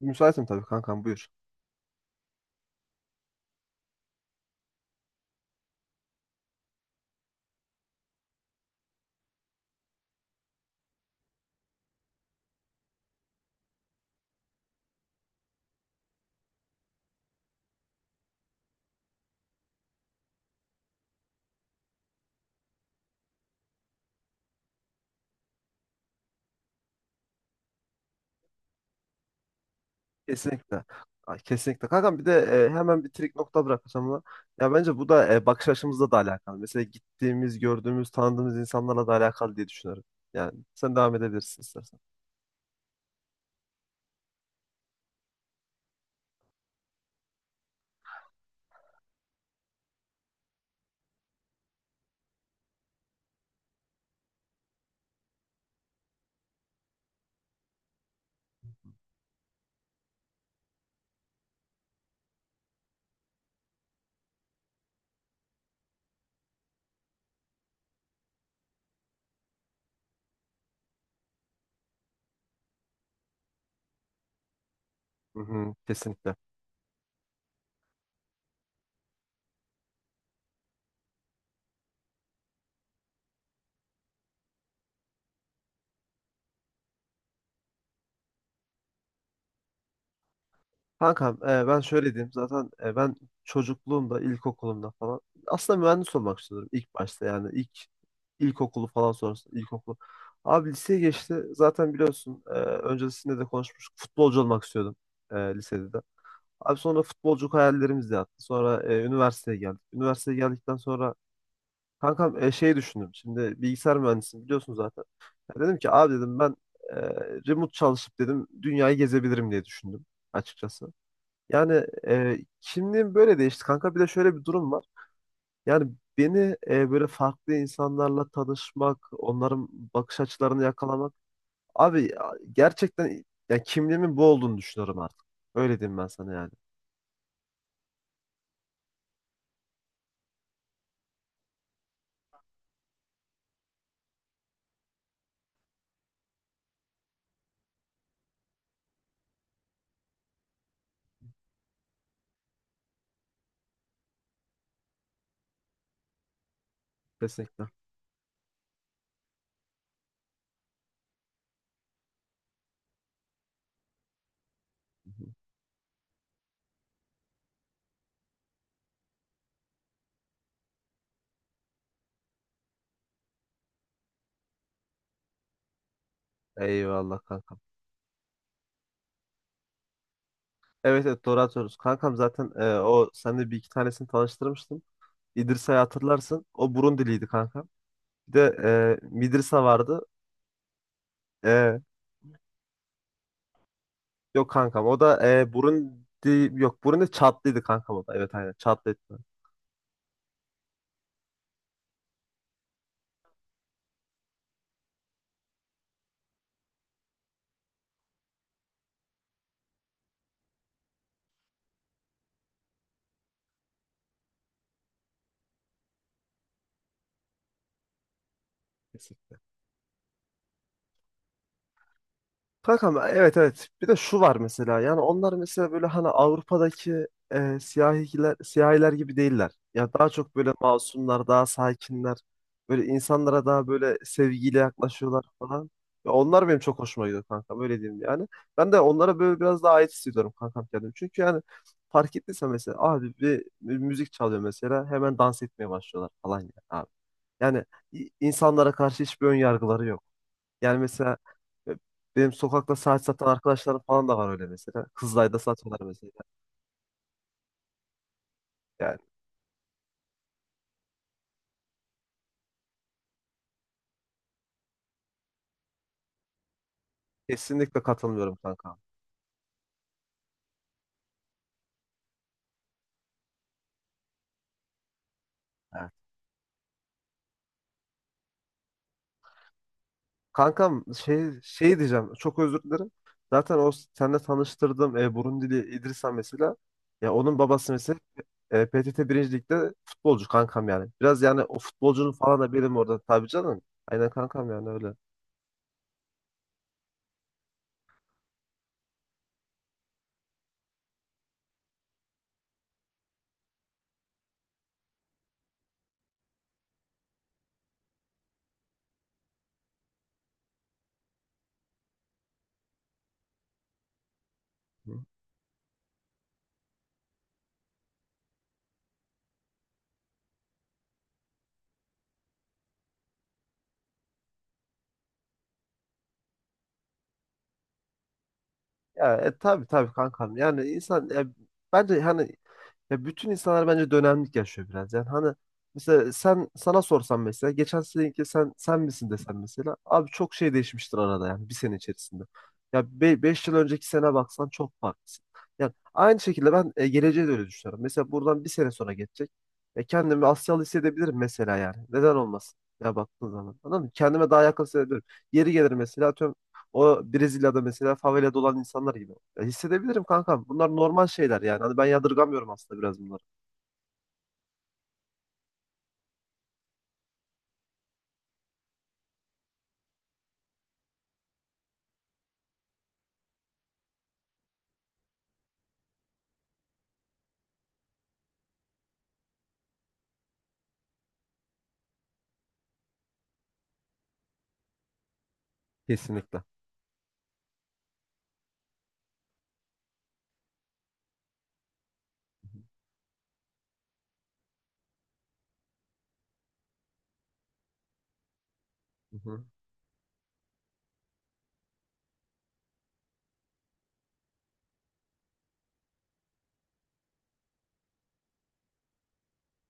Müsaitim tabii kankam buyur. Kesinlikle. Ay, kesinlikle. Kankam bir de hemen bir trik nokta bırakacağım ama ya bence bu da bakış açımızla da alakalı. Mesela gittiğimiz, gördüğümüz, tanıdığımız insanlarla da alakalı diye düşünüyorum. Yani sen devam edebilirsin istersen. Hı hı, kesinlikle. Kankam ben şöyle diyeyim zaten ben çocukluğumda, ilkokulumda falan aslında mühendis olmak istiyordum ilk başta, yani ilkokulu falan sonrasında ilkokulu. Abi liseye geçti, zaten biliyorsun, öncesinde de konuşmuştuk, futbolcu olmak istiyordum lisede de. Abi sonra futbolculuk hayallerimiz de yattı. Sonra üniversiteye geldik. Üniversiteye geldikten sonra kankam şey düşündüm. Şimdi bilgisayar mühendisiyim biliyorsun zaten. Ya dedim ki abi, dedim ben e, remote çalışıp dedim dünyayı gezebilirim diye düşündüm açıkçası. Yani kimliğim böyle değişti kanka. Bir de şöyle bir durum var. Yani beni böyle farklı insanlarla tanışmak, onların bakış açılarını yakalamak. Abi ya, gerçekten ya kimliğimin bu olduğunu düşünüyorum artık. Öyle diyeyim ben sana yani. Kesinlikle. Eyvallah kankam. Evet, evet, doğru atıyoruz. Kankam zaten o, sen de bir iki tanesini tanıştırmıştım. İdrisa'yı hatırlarsın. O Burundiliydi kankam. Bir de Midrisa vardı. E, Yok kankam, o da Burundi, yok Burundi Çatlıydı kankam o da. Evet, aynen Çatlıydı. Kankam evet, evet. Bir de şu var mesela. Yani onlar mesela böyle hani Avrupa'daki siyahiler gibi değiller. Ya daha çok böyle masumlar, daha sakinler. Böyle insanlara daha böyle sevgiyle yaklaşıyorlar falan. Ya onlar benim çok hoşuma gidiyor kankam. Öyle diyeyim yani. Ben de onlara böyle biraz daha ait hissediyorum kankam kendim. Çünkü yani fark ettiysen mesela abi bir müzik çalıyor mesela. Hemen dans etmeye başlıyorlar falan yani abi. Yani insanlara karşı hiçbir ön yargıları yok. Yani mesela e, benim sokakta saat satan arkadaşlarım falan da var öyle mesela. Kızılay'da satıyorlar mesela. Yani kesinlikle katılmıyorum kankam. Evet. Kankam şey, şey diyeceğim, çok özür dilerim. Zaten o seninle tanıştırdığım Burundili İdrisa mesela. Ya onun babası mesela PTT Birinci Lig'de futbolcu kankam yani. Biraz yani o futbolcunun falan da benim orada tabii canım. Aynen kankam yani öyle. Hı. Ya tabii, tabii kankam. Yani insan bence hani ya bütün insanlar bence dönemlik yaşıyor biraz. Yani hani mesela sen, sana sorsam mesela geçen seneki sen misin desen mesela, abi çok şey değişmiştir arada yani bir sene içerisinde. Ya 5 yıl önceki sene baksan çok farklısın. Yani aynı şekilde ben geleceğe de öyle düşünüyorum. Mesela buradan bir sene sonra geçecek. Kendimi Asyalı hissedebilirim mesela yani. Neden olmasın? Ya baktığın zaman. Anladın mı? Kendime daha yakın hissedebilirim. Yeri gelir mesela atıyorum o Brezilya'da mesela favelada olan insanlar gibi. Ya hissedebilirim kankam. Bunlar normal şeyler yani. Hani ben yadırgamıyorum aslında biraz bunları. Kesinlikle. Hı hı.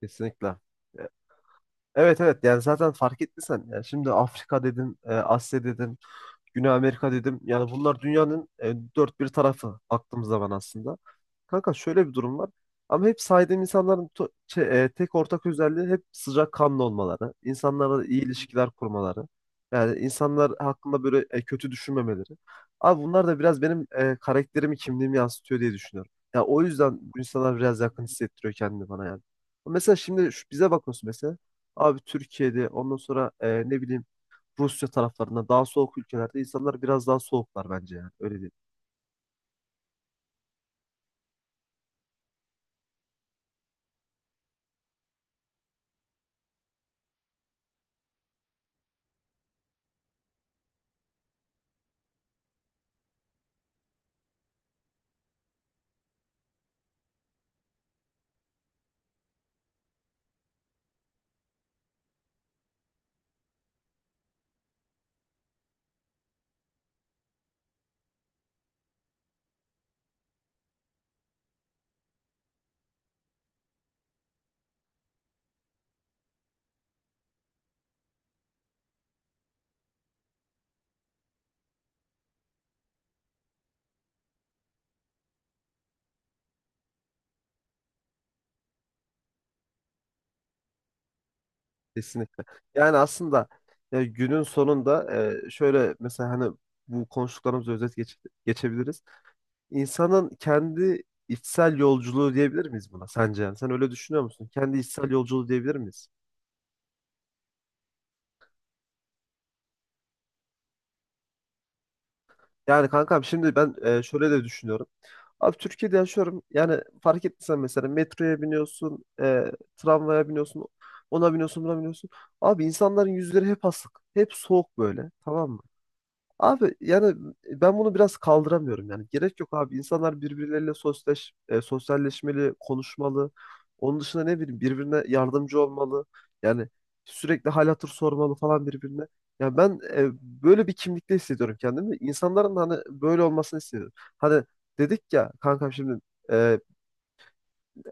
Kesinlikle. E, Evet, evet, yani zaten fark ettiysen yani şimdi Afrika dedim, Asya dedim, Güney Amerika dedim. Yani bunlar dünyanın dört bir tarafı baktığımız zaman aslında. Kanka şöyle bir durum var. Ama hep saydığım insanların tek ortak özelliği hep sıcakkanlı olmaları, insanlarla iyi ilişkiler kurmaları. Yani insanlar hakkında böyle kötü düşünmemeleri. Abi bunlar da biraz benim karakterimi, kimliğimi yansıtıyor diye düşünüyorum. Ya o yüzden bu insanlar biraz yakın hissettiriyor kendini bana yani. Mesela şimdi şu, bize bakıyorsun mesela. Abi Türkiye'de, ondan sonra ne bileyim Rusya taraflarında, daha soğuk ülkelerde insanlar biraz daha soğuklar bence yani. Öyle değil. Kesinlikle. Yani aslında günün sonunda şöyle mesela hani bu konuştuklarımızı geçebiliriz. İnsanın kendi içsel yolculuğu diyebilir miyiz buna sence? Yani sen öyle düşünüyor musun? Kendi içsel yolculuğu diyebilir miyiz? Yani kankam şimdi ben şöyle de düşünüyorum. Abi Türkiye'de yaşıyorum. Yani fark ettiysen mesela metroya biniyorsun, tramvaya biniyorsun, ona biniyorsun, buna biniyorsun. Abi insanların yüzleri hep asık, hep soğuk böyle. Tamam mı? Abi yani ben bunu biraz kaldıramıyorum yani. Gerek yok abi. İnsanlar birbirleriyle sosyalleşmeli, konuşmalı. Onun dışında ne bileyim birbirine yardımcı olmalı. Yani sürekli hal hatır sormalı falan birbirine. Yani ben böyle bir kimlikte hissediyorum kendimi. İnsanların da hani böyle olmasını istiyorum. Hani dedik ya kankam şimdi e,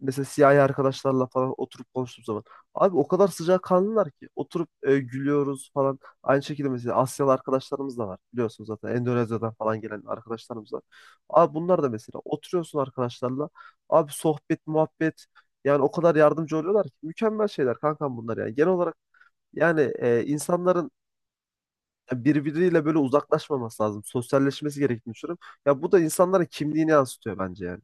mesela siyahi arkadaşlarla falan oturup konuştuğum zaman abi o kadar sıcakkanlılar ki, oturup gülüyoruz falan. Aynı şekilde mesela Asyalı arkadaşlarımız da var. Biliyorsunuz zaten Endonezya'dan falan gelen arkadaşlarımız var. Abi bunlar da mesela oturuyorsun arkadaşlarla. Abi sohbet, muhabbet yani o kadar yardımcı oluyorlar ki, mükemmel şeyler kankam bunlar yani. Genel olarak yani insanların birbiriyle böyle uzaklaşmaması lazım. Sosyalleşmesi gerektiğini düşünüyorum. Ya bu da insanların kimliğini yansıtıyor bence yani.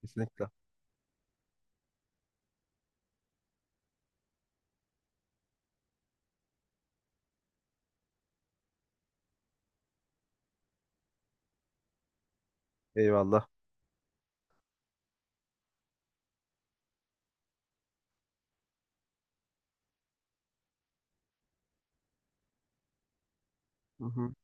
Kesinlikle. Eyvallah. Hı hı.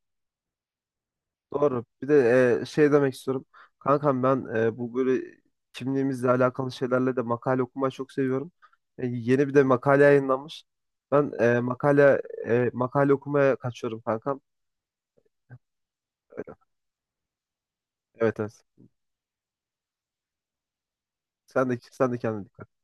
Doğru. Bir de şey demek istiyorum. Kankam ben bu böyle kimliğimizle alakalı şeylerle de makale okumayı çok seviyorum. Yeni bir de makale yayınlanmış. Ben makale okumaya kaçıyorum kankam. Evet, evet. Sen de kendine dikkat et.